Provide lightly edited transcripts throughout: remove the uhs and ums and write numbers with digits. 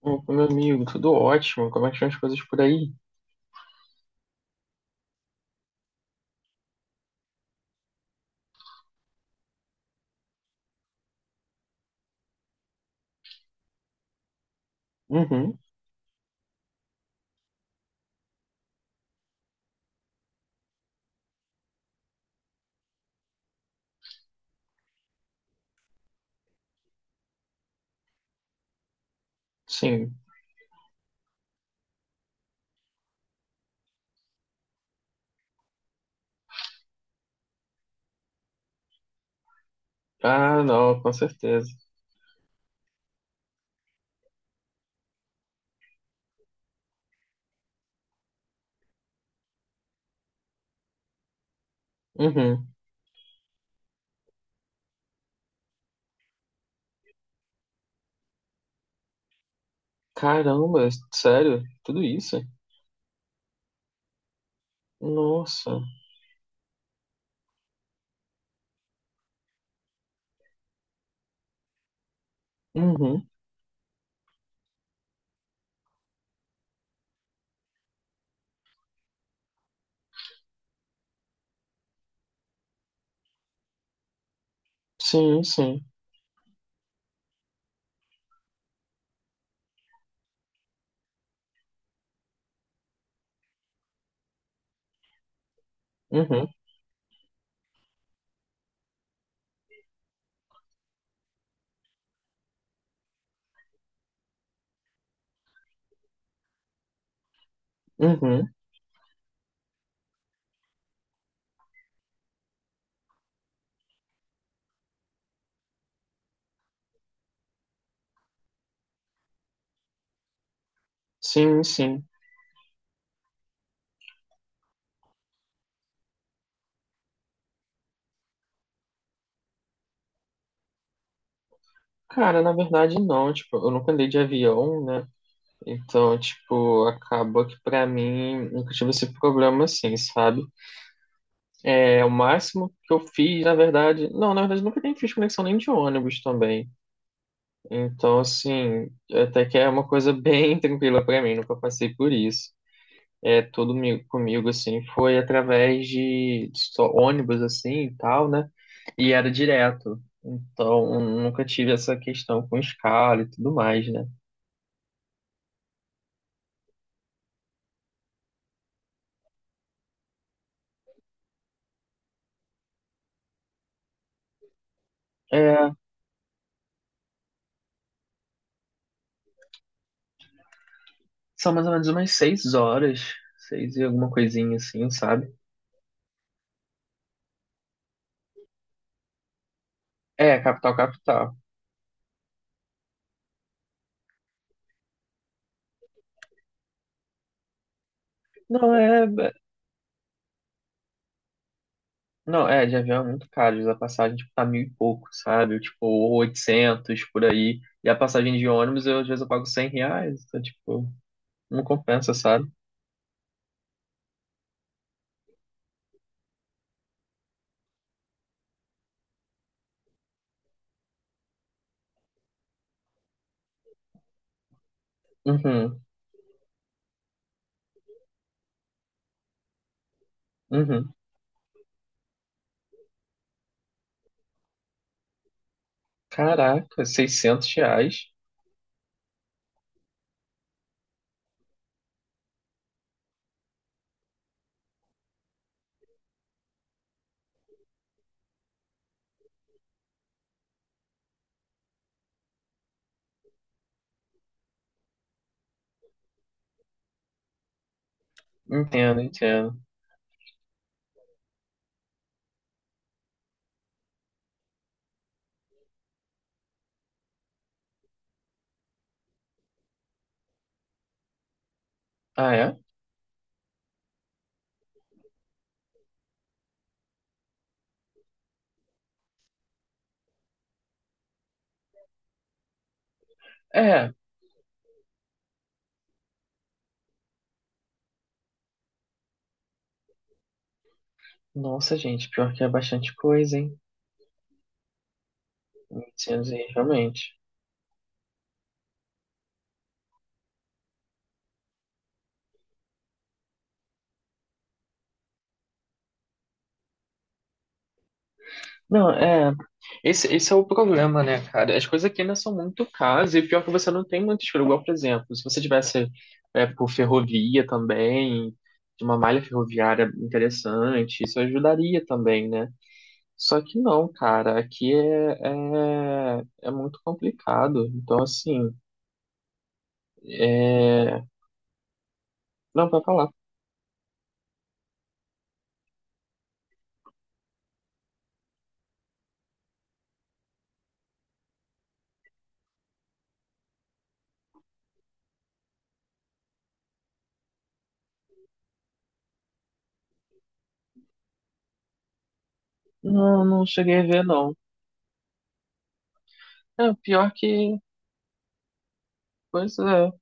Opa, meu amigo, tudo ótimo. Como é que estão as coisas por aí? Uhum, sim. Ah, não, com certeza. Uhum. Caramba, sério? Tudo isso? Nossa. Uhum. Sim, sim. Uhum. Uhum. Sim, sim. Cara, na verdade, não. Tipo, eu nunca andei de avião, né? Então, tipo, acaba que pra mim nunca tive esse problema assim, sabe? É o máximo que eu fiz, na verdade. Não, na verdade, nunca nem fiz conexão nem de ônibus também. Então, assim, até que é uma coisa bem tranquila pra mim, nunca passei por isso. É, comigo, assim, foi através de só ônibus, assim, e tal, né? E era direto. Então, nunca tive essa questão com escala e tudo mais, né? É, são mais ou menos umas 6 horas, seis e alguma coisinha, assim, sabe? É, capital, capital. Não, é, Não, é, de avião é muito caro. A passagem, tipo, tá mil e pouco, sabe? Tipo, 800 por aí. E a passagem de ônibus, eu, às vezes eu pago 100 reais. Então, tipo, não compensa, sabe? Uhum, uhum. Caraca, 600 reais? Entendo, entendo. Ah, é? É. Nossa, gente, pior que é bastante coisa, hein? 800 aí, realmente. Não, é. Esse é o problema, né, cara? As coisas aqui ainda são muito caras e pior é que você não tem muito escolha. Igual, por exemplo, se você tivesse é, por ferrovia também, de uma malha ferroviária interessante, isso ajudaria também, né? Só que não, cara, aqui é muito complicado. Então, assim, é... não, pra falar. Não, não cheguei a ver, não. É, pior é que. Pois é.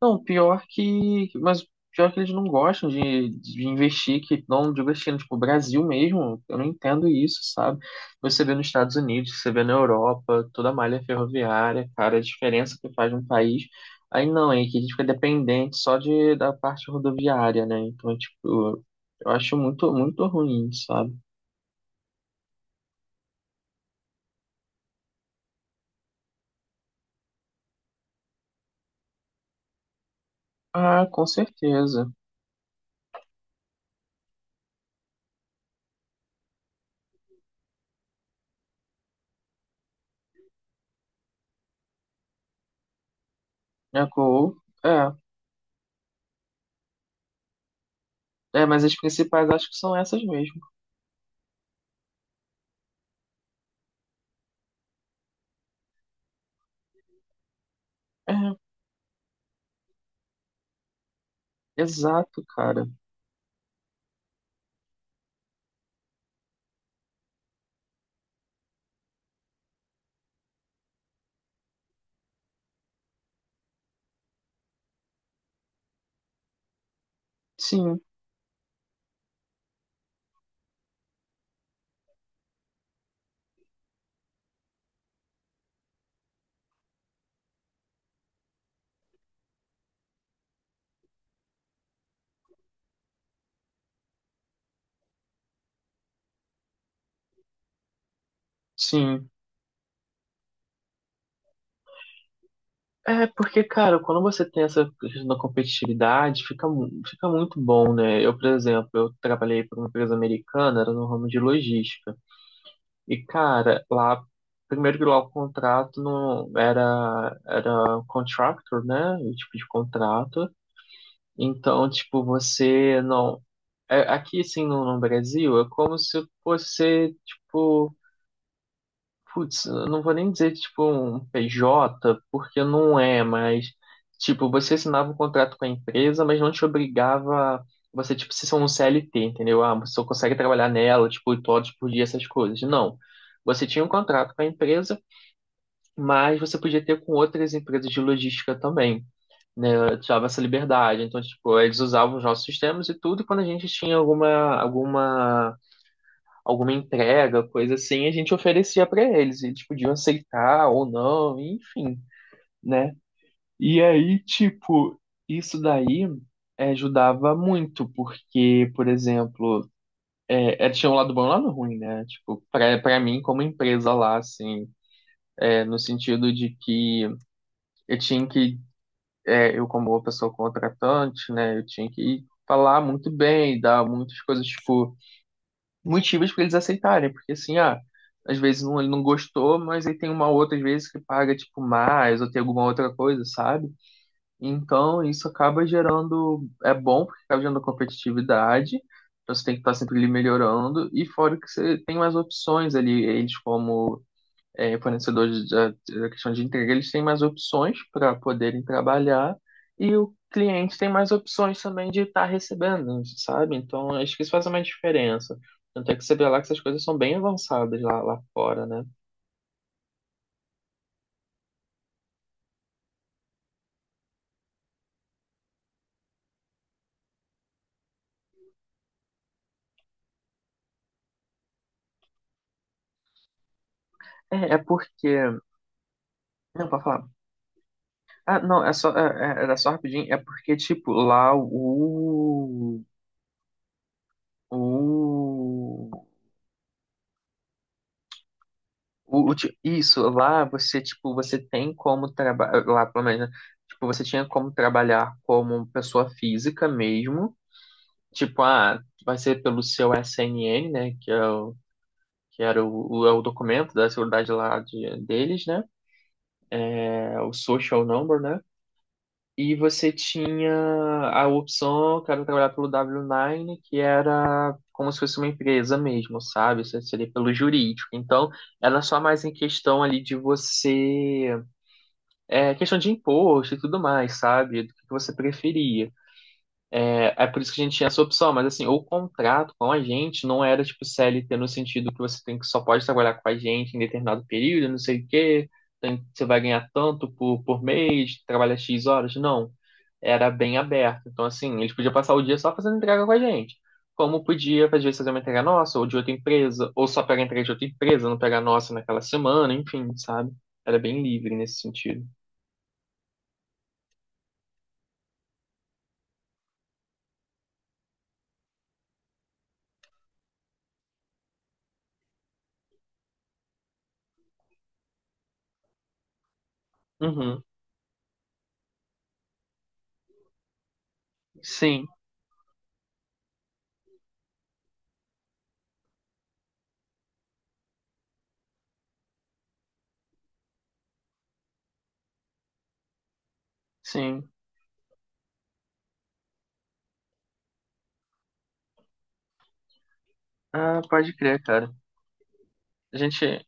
Não, pior que. Mas pior que eles não gostam de investir, que não digo assim, tipo, o Brasil mesmo, eu não entendo isso, sabe? Você vê nos Estados Unidos, você vê na Europa, toda a malha ferroviária, cara, a diferença que faz um país. Aí não, é que a gente fica dependente só de, da parte rodoviária, né? Então, é, tipo, eu acho muito, muito ruim, sabe? Ah, com certeza. É, co- é, mas as principais acho que são essas mesmo. É, exato, cara. Sim. Sim. É, porque, cara, quando você tem essa questão da competitividade, fica, fica muito bom, né? Eu, por exemplo, eu trabalhei para uma empresa americana, era no ramo de logística. E, cara, lá, primeiro que lá o contrato não era, era contractor, né? O tipo de contrato. Então, tipo, você não. é- Aqui, assim, no Brasil, é como se você, tipo. Putz, eu não vou nem dizer tipo é um PJ, porque não é, mas tipo, você assinava um contrato com a empresa, mas não te obrigava você, tipo, se são um CLT, entendeu? Ah, você só consegue trabalhar nela, tipo, 8 horas por dia, essas coisas. Não. Você tinha um contrato com a empresa, mas você podia ter com outras empresas de logística também. Eu Te dava essa liberdade. Então, tipo, eles usavam os nossos sistemas e tudo, e quando a gente tinha alguma, alguma alguma entrega, coisa assim, a gente oferecia pra eles, e eles podiam aceitar ou não, enfim, né? E aí, tipo, isso daí eh, ajudava muito, porque, por exemplo, tinha um lado bom e um lado ruim, né? Tipo, pra mim, como empresa lá, assim, no sentido de que eu tinha que, eu como pessoa contratante, né, eu tinha que falar muito bem, dar muitas coisas, tipo, motivos para eles aceitarem, porque assim, ah, às vezes não, ele não gostou, mas aí tem uma outra, às vezes, que paga, tipo, mais, ou tem alguma outra coisa, sabe? Então, isso acaba gerando, é bom, porque acaba gerando competitividade, então você tem que estar sempre ali melhorando, e fora que você tem mais opções ali, eles como fornecedores da questão de entrega, eles têm mais opções para poderem trabalhar e o cliente tem mais opções também de estar recebendo, sabe? Então, acho que isso faz uma diferença. Tanto é que você vê lá que essas coisas são bem avançadas lá, lá fora, né? É, é porque. Não, pra falar. Ah, não, é só, era só rapidinho. É porque, tipo, lá o O, isso, lá você, tipo, você tem como trabalhar, lá pelo menos, né? Tipo, você tinha como trabalhar como pessoa física mesmo, tipo, ah, vai ser pelo seu SNN, né, que era é o documento da seguridade lá de, deles, né, é o social number, né, e você tinha a opção, quero trabalhar pelo W9, que era como se fosse uma empresa mesmo, sabe, isso seria pelo jurídico, então, era só mais em questão ali de você questão de imposto e tudo mais, sabe? Do que você preferia. É, é por isso que a gente tinha essa opção, mas assim, o contrato com a gente não era tipo CLT no sentido que você tem que só pode trabalhar com a gente em determinado período, não sei o quê, você vai ganhar tanto por mês, trabalha X horas, não. Era bem aberto. Então, assim, eles podiam passar o dia só fazendo entrega com a gente. Como podia, às vezes, fazer uma entrega nossa, ou de outra empresa, ou só pegar entrega de outra empresa, não pegar a nossa naquela semana, enfim, sabe? Era bem livre nesse sentido. Uhum. Sim, sim. Ah, pode crer, cara. A gente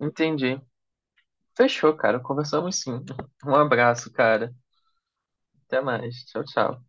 Entendi. Fechou, cara. Conversamos sim. Um abraço, cara. Até mais. Tchau, tchau.